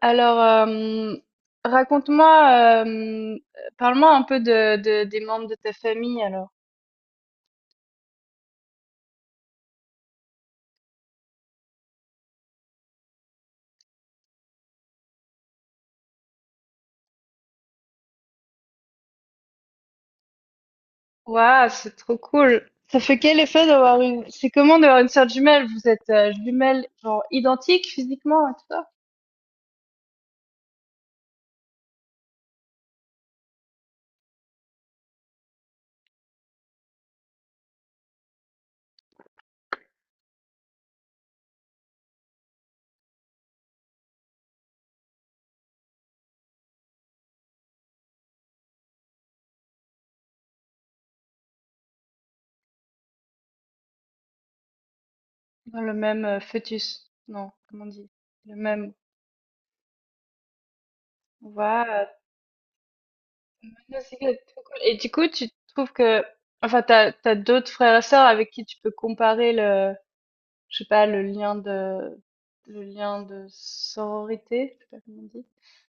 Alors, raconte-moi, parle-moi un peu de, des membres de ta famille alors. Waouh, c'est trop cool. Ça fait quel effet d'avoir une... C'est comment d'avoir une sœur jumelle? Vous êtes jumelles genre identiques physiquement et tout ça? Dans le même fœtus. Non, comment on dit? Le même. Waouh, c'est trop cool. Et du coup, tu trouves que... Enfin, t'as d'autres frères et sœurs avec qui tu peux comparer, je sais pas, le lien de sororité, je sais pas comment on dit,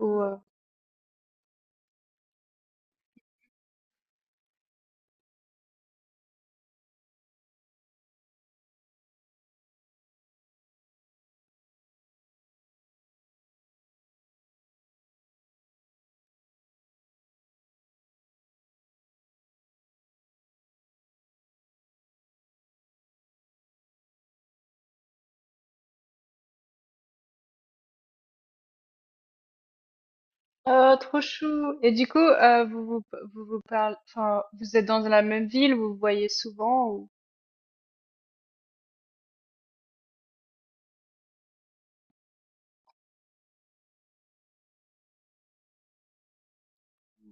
ou, oh, trop chou. Et du coup, vous vous, vous vous parlez, enfin, vous êtes dans la même ville, vous vous voyez souvent, ou,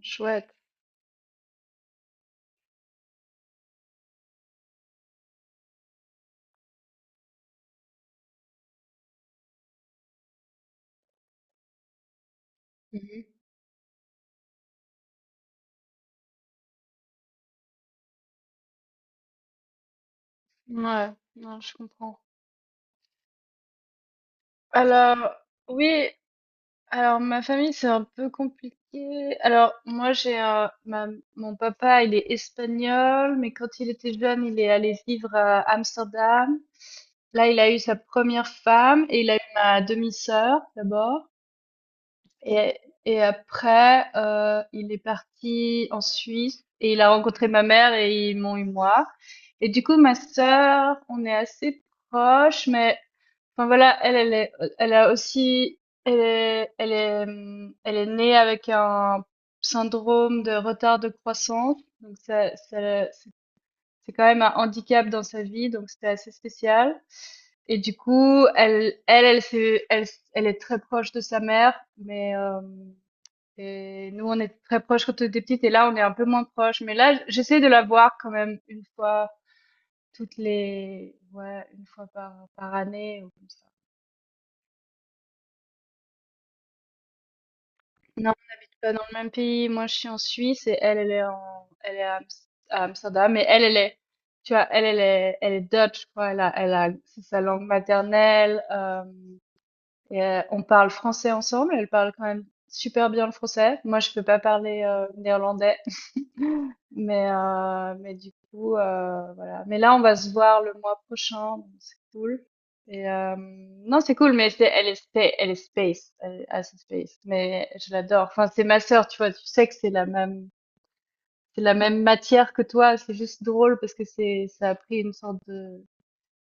chouette. Mhm. Ouais, non, je comprends. Alors, oui, alors ma famille, c'est un peu compliqué. Alors, moi, ma, mon papa, il est espagnol, mais quand il était jeune, il est allé vivre à Amsterdam. Là, il a eu sa première femme et il a eu ma demi-sœur d'abord. Et, et après, il est parti en Suisse et il a rencontré ma mère et ils m'ont eu moi. Et du coup, ma sœur, on est assez proches, mais enfin voilà, elle, elle est, elle a aussi, elle est, elle est née avec un syndrome de retard de croissance. C'est quand même un handicap dans sa vie, donc c'était assez spécial. Et du coup, elle, elle est très proche de sa mère, mais et nous, on est très proches quand on était petites, et là, on est un peu moins proches. Mais là, j'essaie de la voir quand même une fois toutes les, ouais, une fois par, par année. Non, on n'habite pas dans le même pays. Moi, je suis en Suisse et elle, elle est en, elle est à, Ams- à Amsterdam. Mais elle, elle est, tu vois, elle, elle est Dutch, je crois. Elle a, elle a, c'est sa langue maternelle. Et on parle français ensemble. Elle parle quand même super bien le français. Moi, je peux pas parler néerlandais, mais du coup, voilà. Mais là, on va se voir le mois prochain, donc c'est cool. Et non, c'est cool, mais elle est space, elle est assez space. Mais je l'adore. Enfin, c'est ma sœur, tu vois. Tu sais que c'est la même matière que toi. C'est juste drôle parce que c'est, ça a pris une sorte de,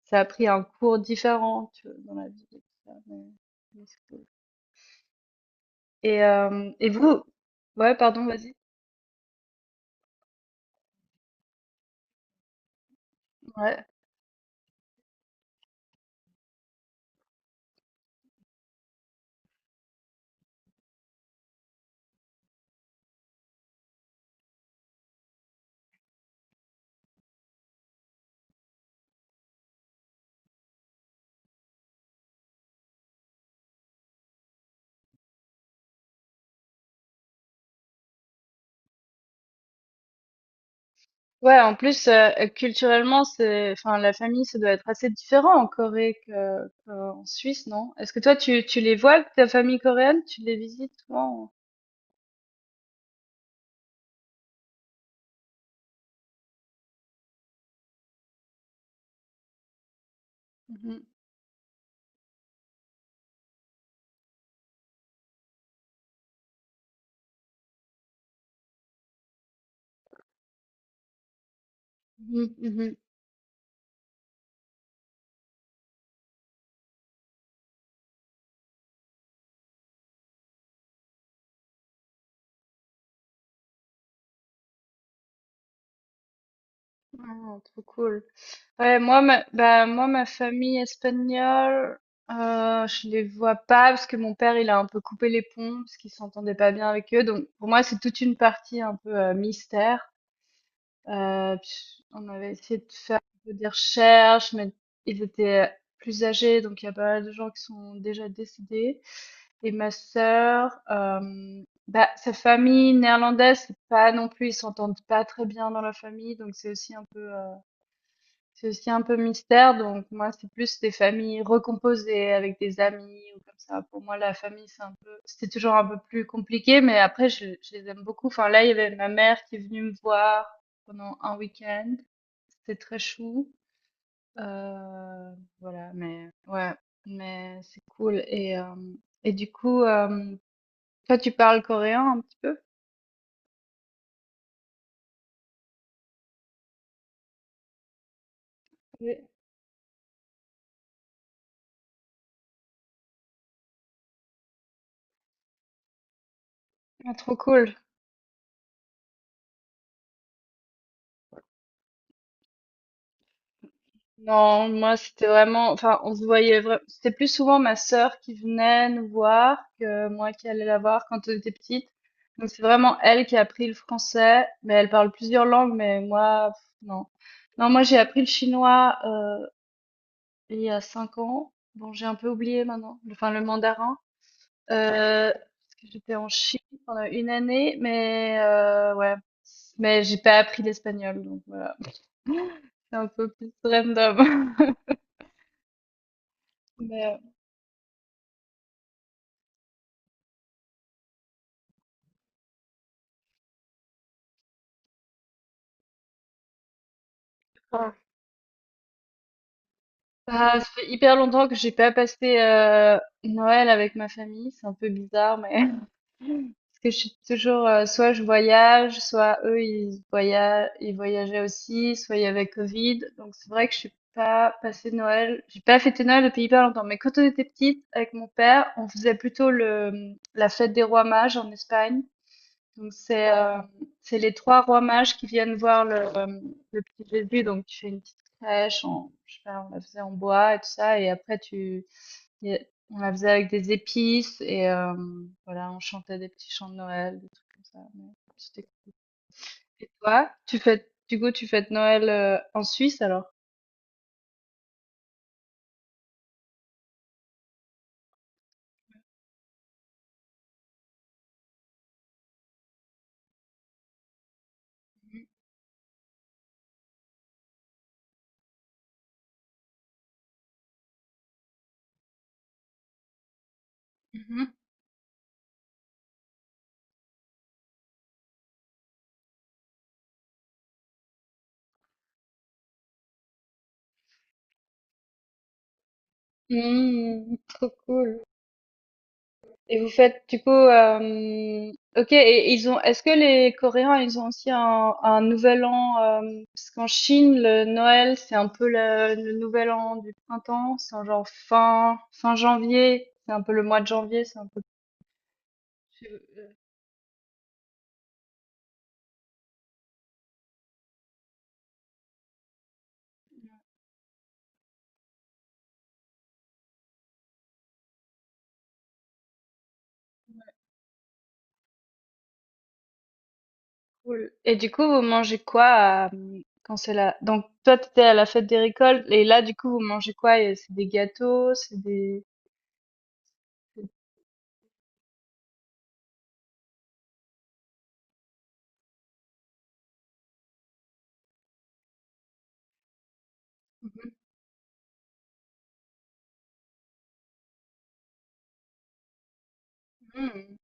ça a pris un cours différent, tu vois, dans la vie. Et tout ça, mais c'est cool. Et vous, ouais, pardon, vas-y. Ouais. Ouais, en plus, culturellement, c'est, enfin, la famille, ça doit être assez différent en Corée que, qu'en Suisse, non? Est-ce que toi, tu les vois, ta famille coréenne? Tu les visites souvent? Mhm, mhm, mhm. Ah, trop cool. Ouais, moi, ma, bah, moi, ma famille espagnole, je les vois pas parce que mon père, il a un peu coupé les ponts parce qu'il s'entendait pas bien avec eux. Donc, pour moi, c'est toute une partie un peu mystère. Heu, on avait essayé de faire un peu des recherches, mais ils étaient plus âgés, donc il y a pas mal de gens qui sont déjà décédés et ma sœur, hem, bah, sa famille néerlandaise, c'est pas non plus, ils s'entendent pas très bien dans la famille, donc c'est aussi un peu, c'est aussi un peu mystère, donc moi, c'est plus des familles recomposées avec des amis ou comme ça. Pour moi, la famille, c'est un peu, c'était toujours un peu plus compliqué, mais après, je les aime beaucoup. Enfin, là, il y avait ma mère qui est venue me voir pendant un week-end. C'était très chou. Euh, voilà, mais ouais, mais c'est cool. Et du coup, toi, tu parles coréen un petit peu? Oui. Ah, trop cool. Non, moi c'était vraiment, enfin on se voyait vra- c'était plus souvent ma sœur qui venait nous voir que moi qui allais la voir quand on était petite. Donc c'est vraiment elle qui a appris le français, mais elle parle plusieurs langues, mais moi pff, non. Non, moi j'ai appris le chinois il y a 5 ans. Bon, j'ai un peu oublié maintenant, enfin le mandarin, parce que j'étais en Chine pendant une année, mais ouais, mais j'ai pas appris l'espagnol, donc voilà, c'est un peu plus random. Mais, euh, bah, ça fait hyper longtemps que j'ai pas passé Noël avec ma famille, c'est un peu bizarre, mais parce que je suis toujours, soit je voyage, soit eux ils voyagent, ils voyageaient aussi, soit il y avait Covid, donc c'est vrai que je suis pas passé Noël, j'ai pas fêté Noël depuis hyper longtemps. Mais quand on était petite avec mon père, on faisait plutôt le la fête des rois mages en Espagne. Donc c'est les 3 rois mages qui viennent voir le petit Jésus. Donc tu fais une petite crèche, en, je sais pas, on la faisait en bois et tout ça, et après tu et on la faisait avec des épices et voilà, on chantait des petits chants de Noël, des trucs comme ça. Mais c'était cool. Et toi, tu fais du coup tu fêtes Noël en Suisse alors? Mhm. Mmh, trop cool. Et vous faites du coup, hem, OK et ils ont est-ce que les Coréens, ils ont aussi un nouvel an, hem, parce qu'en Chine, le Noël, c'est un peu le nouvel an du printemps, c'est en genre fin fin janvier, c'est un peu le mois de janvier, c'est un peu plus, heu, cool. Et du coup, vous mangez quoi à, mmh, quand c'est là? Donc toi, t'étais à la fête des récoltes et là, du coup, vous mangez quoi? Et c'est des gâteaux, c'est des, c'est, mmh, mh,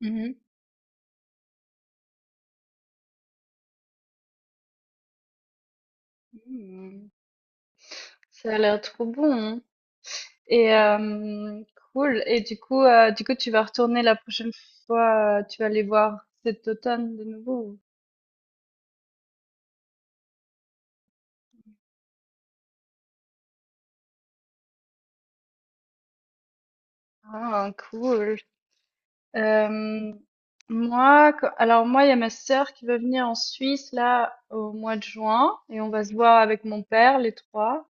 mmh. Mmh. Mmh. Ça a l'air trop bon. Et hem, cool. Et du coup, tu vas retourner la prochaine fois, tu vas aller voir cet automne de nouveau ou? Ah cool. Hem, moi quand alors moi, il y a ma sœur qui va venir en Suisse là au mois de juin et on va se voir avec mon père les trois.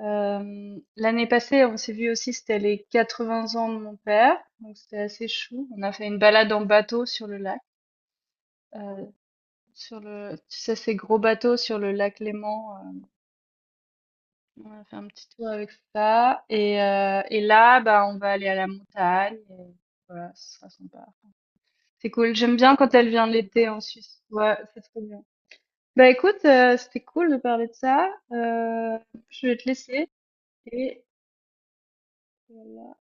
Hem, l'année passée, on s'est vu aussi, c'était les 80 ans de mon père, donc c'était assez chou. On a fait une balade en bateau sur le lac, heu, sur le, tu sais, ces gros bateaux sur le lac Léman, on a fait un petit tour avec ça. Et là, bah, on va aller à la montagne. Et voilà, ce sera sympa. C'est cool. J'aime bien quand elle vient l'été en Suisse. Ouais, c'est trop bien. Bah écoute, c'était cool de parler de ça. Euh, je vais te laisser. Et voilà.